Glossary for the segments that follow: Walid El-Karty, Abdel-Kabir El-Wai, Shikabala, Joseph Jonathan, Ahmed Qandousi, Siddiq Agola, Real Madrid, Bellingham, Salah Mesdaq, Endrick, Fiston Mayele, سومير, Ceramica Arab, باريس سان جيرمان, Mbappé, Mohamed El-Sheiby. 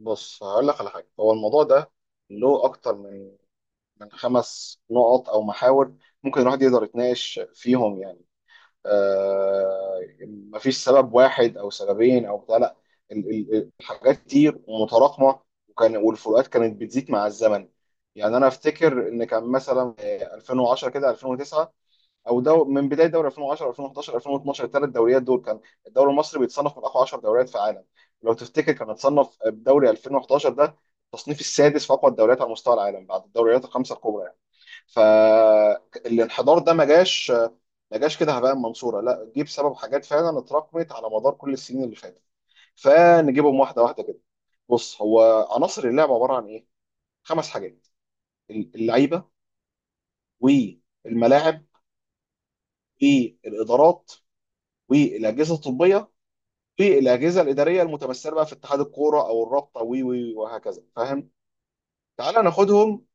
بص، هقول لك على حاجه. هو الموضوع ده له اكتر من خمس نقط او محاور ممكن الواحد يقدر يتناقش فيهم، يعني. آه، مفيش سبب واحد او سببين او بتاع. لا، ال- الحاجات كتير ومتراكمه. والفروقات كانت بتزيد مع الزمن. يعني انا افتكر ان كان مثلا 2010 كده، 2009، او من بدايه دوري 2010، 2011، 2012، الثلاث دوريات دول كان الدوري المصري بيتصنف من اقوى 10 دوريات في العالم. لو تفتكر كان اتصنف بدوري 2011 ده التصنيف السادس في اقوى الدوريات على مستوى العالم بعد الدوريات الخمسه الكبرى، يعني. فالانحدار ده ما جاش، ما جاش كده هباء من منصوره، لا، جه بسبب حاجات فعلا اتراكمت على مدار كل السنين اللي فاتت. فنجيبهم واحده واحده كده. بص، هو عناصر اللعبه عباره عن ايه؟ خمس حاجات: اللعيبه، والملاعب، والادارات، والاجهزه الطبيه، في الاجهزه الاداريه المتمثله بقى في اتحاد الكوره او الرابطه وهكذا، فاهم. تعال ناخدهم.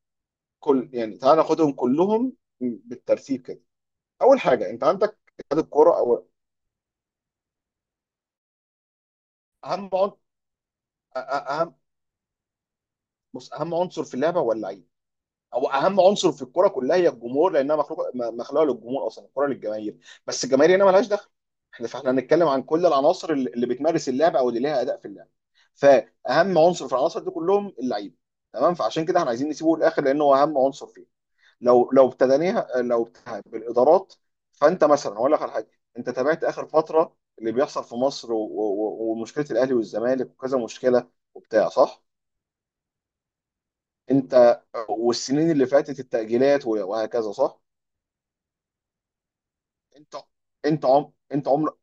كل يعني تعال ناخدهم كلهم بالترتيب كده. اول حاجه انت عندك اتحاد الكوره، او اهم عن- أ- أ- اهم بص، اهم عنصر في اللعبه هو اللعيب. هو اهم عنصر في الكوره كلها هي الجمهور، لانها مخلوقه مخلوقه للجمهور، اصلا الكوره للجماهير. بس الجماهير هنا ملهاش دخل. فاحنا هنتكلم عن كل العناصر اللي بتمارس اللعبه او اللي ليها اداء في اللعبه، فاهم. عنصر في العناصر دي كلهم اللعيبه. تمام، فعشان كده احنا عايزين نسيبه للاخر لانه هو اهم عنصر فيه. لو ابتديناها بالادارات، فانت مثلا هقول لك على حاجه. انت تابعت اخر فتره اللي بيحصل في مصر ومشكله الاهلي والزمالك وكذا مشكله وبتاع، صح؟ انت والسنين اللي فاتت التأجيلات وهكذا، صح؟ انت انت عمر، انت عمر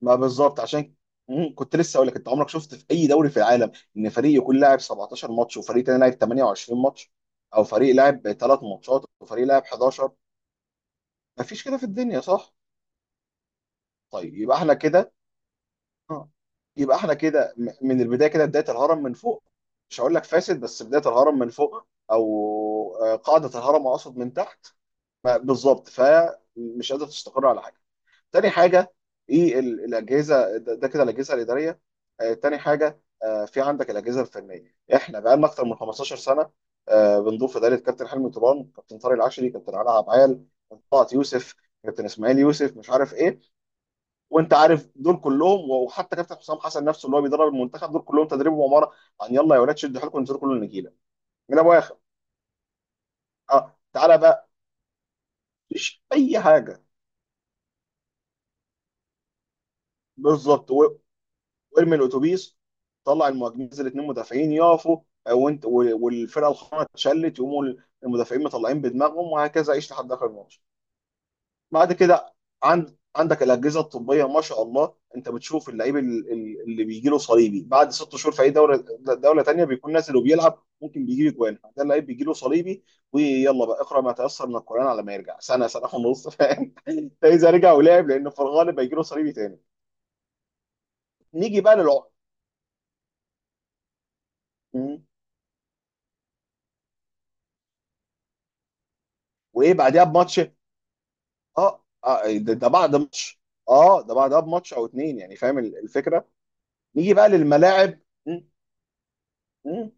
ما، بالظبط عشان، كنت لسه اقول لك، انت عمرك شفت في اي دوري في العالم ان فريق يكون لاعب 17 ماتش وفريق تاني لاعب 28 ماتش، او فريق لاعب 3 ماتشات وفريق لاعب 11؟ مفيش كده في الدنيا، صح؟ طيب يبقى احنا كده. اه، يبقى احنا كده من البدايه كده بدايه الهرم من فوق. مش هقول لك فاسد، بس بدايه الهرم من فوق، او قاعده الهرم اقصد من تحت. بالظبط، فمش قادره تستقر على حاجه. تاني حاجه، ايه الاجهزه؟ ده كده الاجهزه الاداريه. آه، تاني حاجه، في عندك الاجهزه الفنيه. احنا بقالنا اكتر من 15 سنه بنضيف اداره. كابتن حلمي طيران، كابتن طارق العشري، كابتن علاء عبعال، طلعت يوسف، كابتن اسماعيل يوسف، مش عارف ايه. وانت عارف دول كلهم، وحتى كابتن حسام حسن نفسه اللي هو بيدرب المنتخب، دول كلهم تدريب ومهاره يلا يا ولاد شدوا حيلكم انزلوا كلوا النجيله من ابو اخر. اه، تعالى بقى، مفيش اي حاجه، بالظبط. وارمي الاتوبيس، طلع المهاجمين، نزل اتنين مدافعين يقفوا، وانت والفرقه الخامسه اتشلت، يقوموا المدافعين مطلعين بدماغهم، وهكذا عيش لحد اخر الماتش. بعد كده عندك الاجهزه الطبيه، ما شاء الله. انت بتشوف اللعيب اللي بيجي له صليبي بعد ست شهور في اي دوله، دوله تانيه بيكون نازل وبيلعب. ممكن بيجي له جوان، ده اللعيب بيجي له صليبي، ويلا بقى اقرا ما تيسر من القران على ما يرجع سنه، سنه ونص، فاهم. ده اذا رجع ولعب، لانه في الغالب هيجي له صليبي تاني. نيجي بقى للعقد. وايه بعدها بماتش؟ اه، ده بعد ماتش. اه، ده بعدها بماتش او اتنين، يعني فاهم الفكره. نيجي بقى للملاعب. مم، مم،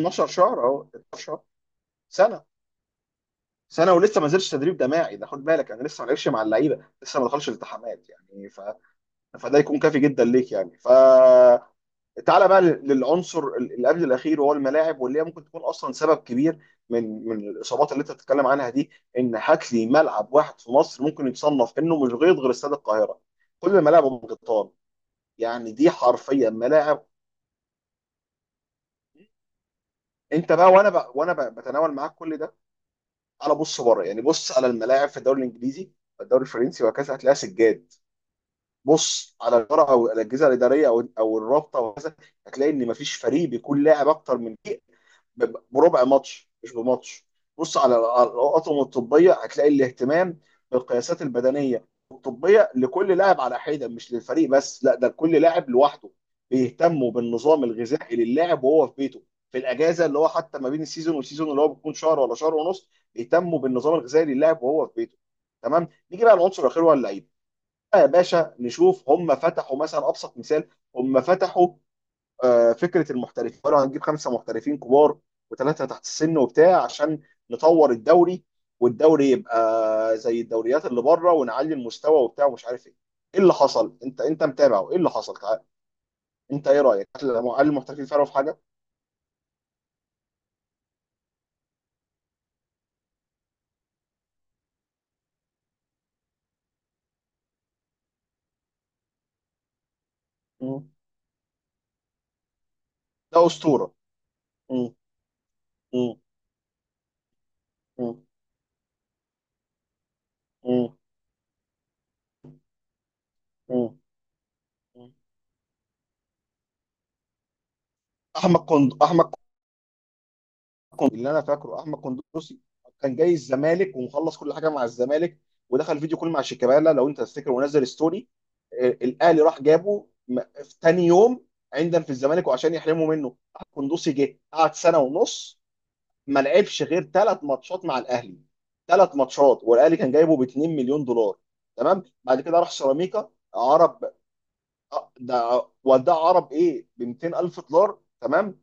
12 شهر اهو، 12 شهر، سنه، سنه ولسه ما نزلش تدريب جماعي، ده خد بالك انا لسه ما لعبش مع اللعيبه، لسه ما دخلش التحامات، يعني فده يكون كافي جدا ليك، يعني تعالى بقى للعنصر اللي قبل الاخير وهو الملاعب، واللي هي ممكن تكون اصلا سبب كبير من الاصابات اللي انت بتتكلم عنها دي. ان هات لي ملعب واحد في مصر ممكن يتصنف انه مش غيط غير استاد القاهره. كل الملاعب ام قطان، يعني دي حرفيا ملاعب. انت بقى، وانا بقى بتناول معاك كل ده. بص بره، يعني بص على الملاعب في الدوري الانجليزي، الدوري الفرنسي وهكذا، هتلاقيها سجاد. بص على الاداره او الاجهزه الاداريه او الرابطه وهكذا، هتلاقي ان مفيش فريق بيكون لاعب اكتر من فريق بربع ماتش، مش بماتش. بص على الأطقم الطبية، هتلاقي الاهتمام بالقياسات البدنية الطبية لكل لاعب على حدة، مش للفريق بس، لا، ده كل لاعب لوحده. بيهتموا بالنظام الغذائي للاعب وهو في بيته، في الأجازة اللي هو حتى ما بين السيزون والسيزون اللي هو بيكون شهر ولا شهر ونص. بيهتموا بالنظام الغذائي للاعب وهو في بيته. تمام، نيجي بقى للعنصر الأخير هو اللعيب بقى يا باشا. نشوف، هم فتحوا مثلا. أبسط مثال، هم فتحوا فكره المحترفين. قالوا هنجيب خمسه محترفين كبار وثلاثه تحت السن وبتاع عشان نطور الدوري، والدوري يبقى زي الدوريات اللي بره، ونعلي المستوى وبتاع ومش عارف ايه. ايه اللي حصل؟ انت متابع ايه اللي حصل؟ تعال. انت ايه رايك؟ هل المحترفين فرقوا في حاجه؟ مم. ده اسطوره. مم. مم. مم. مم. مم. مم. احمد كوند اللي انا فاكره احمد قندوسي. كان جاي الزمالك ومخلص كل حاجه مع الزمالك، ودخل فيديو كل مع شيكابالا لو انت تفتكر، ونزل ستوري. الاهلي راح جابه في تاني يوم عندنا في الزمالك وعشان يحرموا منه. قندوسي جه قعد سنه ونص، ما لعبش غير ثلاث ماتشات مع الاهلي. ثلاث ماتشات، والاهلي كان جايبه ب 2 مليون دولار. تمام، بعد كده راح سيراميكا. عرب، ده وداه عرب ايه ب 200 الف دولار. تمام،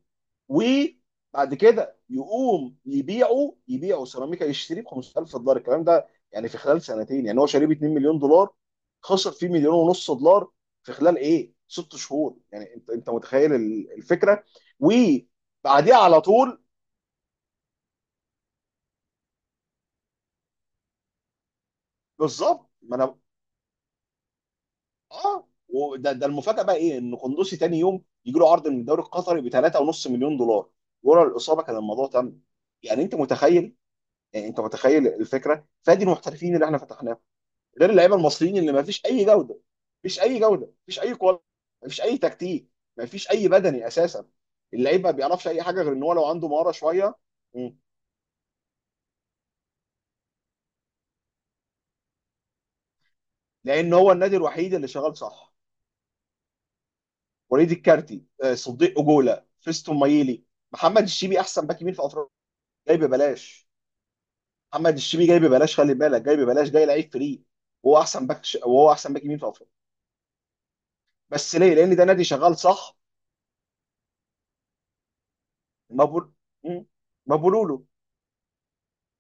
وبعد كده يقوم يبيعه سيراميكا، يشتريه ب 5000 دولار الكلام ده. يعني في خلال سنتين يعني هو شاريه ب 2 مليون دولار، خسر فيه مليون ونص دولار في خلال ايه؟ ست شهور. يعني انت متخيل الفكره. وبعديها على طول. بالظبط، ما انا. اه، وده المفاجاه بقى ايه؟ ان قندوسي تاني يوم يجي له عرض من الدوري القطري ب 3.5 مليون دولار. ورا الاصابه كان الموضوع تم. يعني انت متخيل. يعني انت متخيل الفكره. فادي المحترفين اللي احنا فتحناهم، غير اللعيبه المصريين اللي ما فيش اي جوده. مفيش اي جوده، مفيش اي كواليتي، مفيش اي تكتيك، مفيش اي بدني اساسا. اللعيب ما بيعرفش اي حاجه غير ان هو لو عنده مهاره شويه. مم. لان هو النادي الوحيد اللي شغال، صح. وليد الكارتي، صديق اجولا، فيستون مايلي، محمد الشيبي احسن باك يمين في افريقيا، جاي ببلاش. محمد الشيبي جاي ببلاش، خلي بالك، جاي ببلاش، جاي لعيب فري، وهو احسن باك وهو احسن باك يمين في افريقيا. بس ليه؟ لان ده نادي شغال، صح. ما بقول. مم. ما بقولوا له.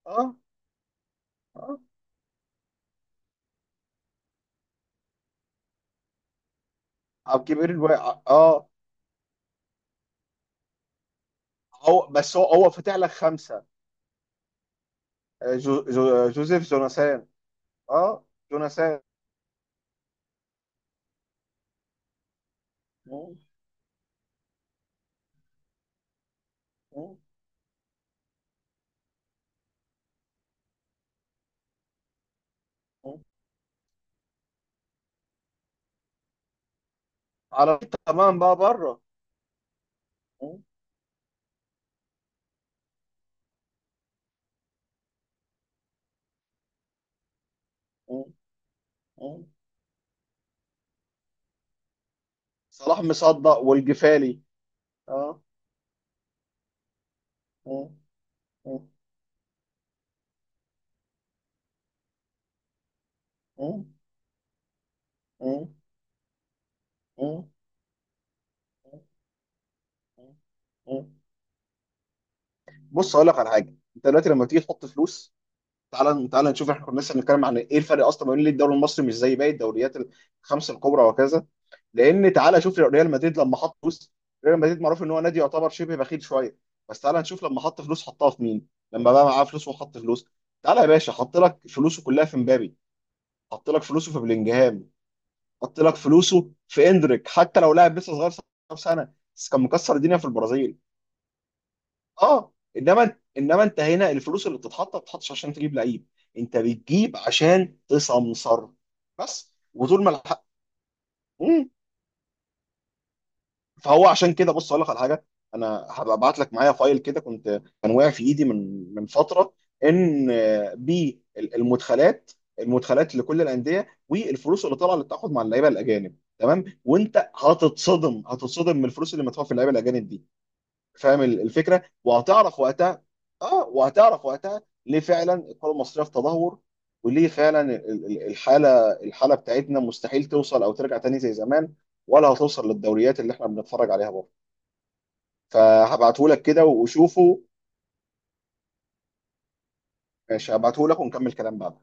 اه، عبد الكبير الوي. اه، هو بس هو فاتح لك خمسه. جو جو جوزيف جوناثان. اه، جوناثان. مم، مم، مم. على. تمام بقى بره. مم، مم، مم. صلاح مصدق والجفالي. اه، مم، مم، مم، مم، مم، مم، مم. بص اقول لك على حاجه. انت دلوقتي لما تيجي تحط فلوس، تعال تعال نشوف، احنا كنا لسه بنتكلم عن ايه؟ إيه الفرق اصلا ما بين ليه الدوري المصري مش زي باقي الدوريات الخمسه الكبرى وكذا؟ لان تعالى شوف، ريال مدريد لما حط فلوس، ريال مدريد معروف ان هو نادي يعتبر شبه بخيل شويه، بس تعالى نشوف لما حط فلوس حطها في مين، لما بقى معاه فلوس وحط فلوس. تعالى يا باشا، حط لك فلوسه كلها في مبابي، حط لك فلوسه في بلينجهام، حط لك فلوسه في اندريك، حتى لو لاعب لسه صغير 17 سنه بس كان مكسر الدنيا في البرازيل. اه، انما انت هنا الفلوس اللي بتتحط ما بتتحطش عشان تجيب لعيب، انت بتجيب عشان تسمسر، بس، وطول ما الحق. فهو عشان كده، بص اقول لك على حاجه. انا هبعت لك، معايا فايل كده كنت كان واقع في ايدي من فتره، ان بالمدخلات. المدخلات لكل الانديه والفلوس اللي طالعه، اللي بتاخد مع اللعيبه الاجانب، تمام. وانت هتتصدم من الفلوس اللي مدفوعه في اللعيبه الاجانب دي، فاهم الفكره. وهتعرف وقتها، اه، وهتعرف وقتها ليه فعلا الكره المصريه في تدهور، وليه فعلا الحاله بتاعتنا مستحيل توصل او ترجع تاني زي زمان، ولا هتوصل للدوريات اللي احنا بنتفرج عليها برضه. فهبعتهولك كده وشوفه. ماشي، هبعتهولك ونكمل كلام بعد.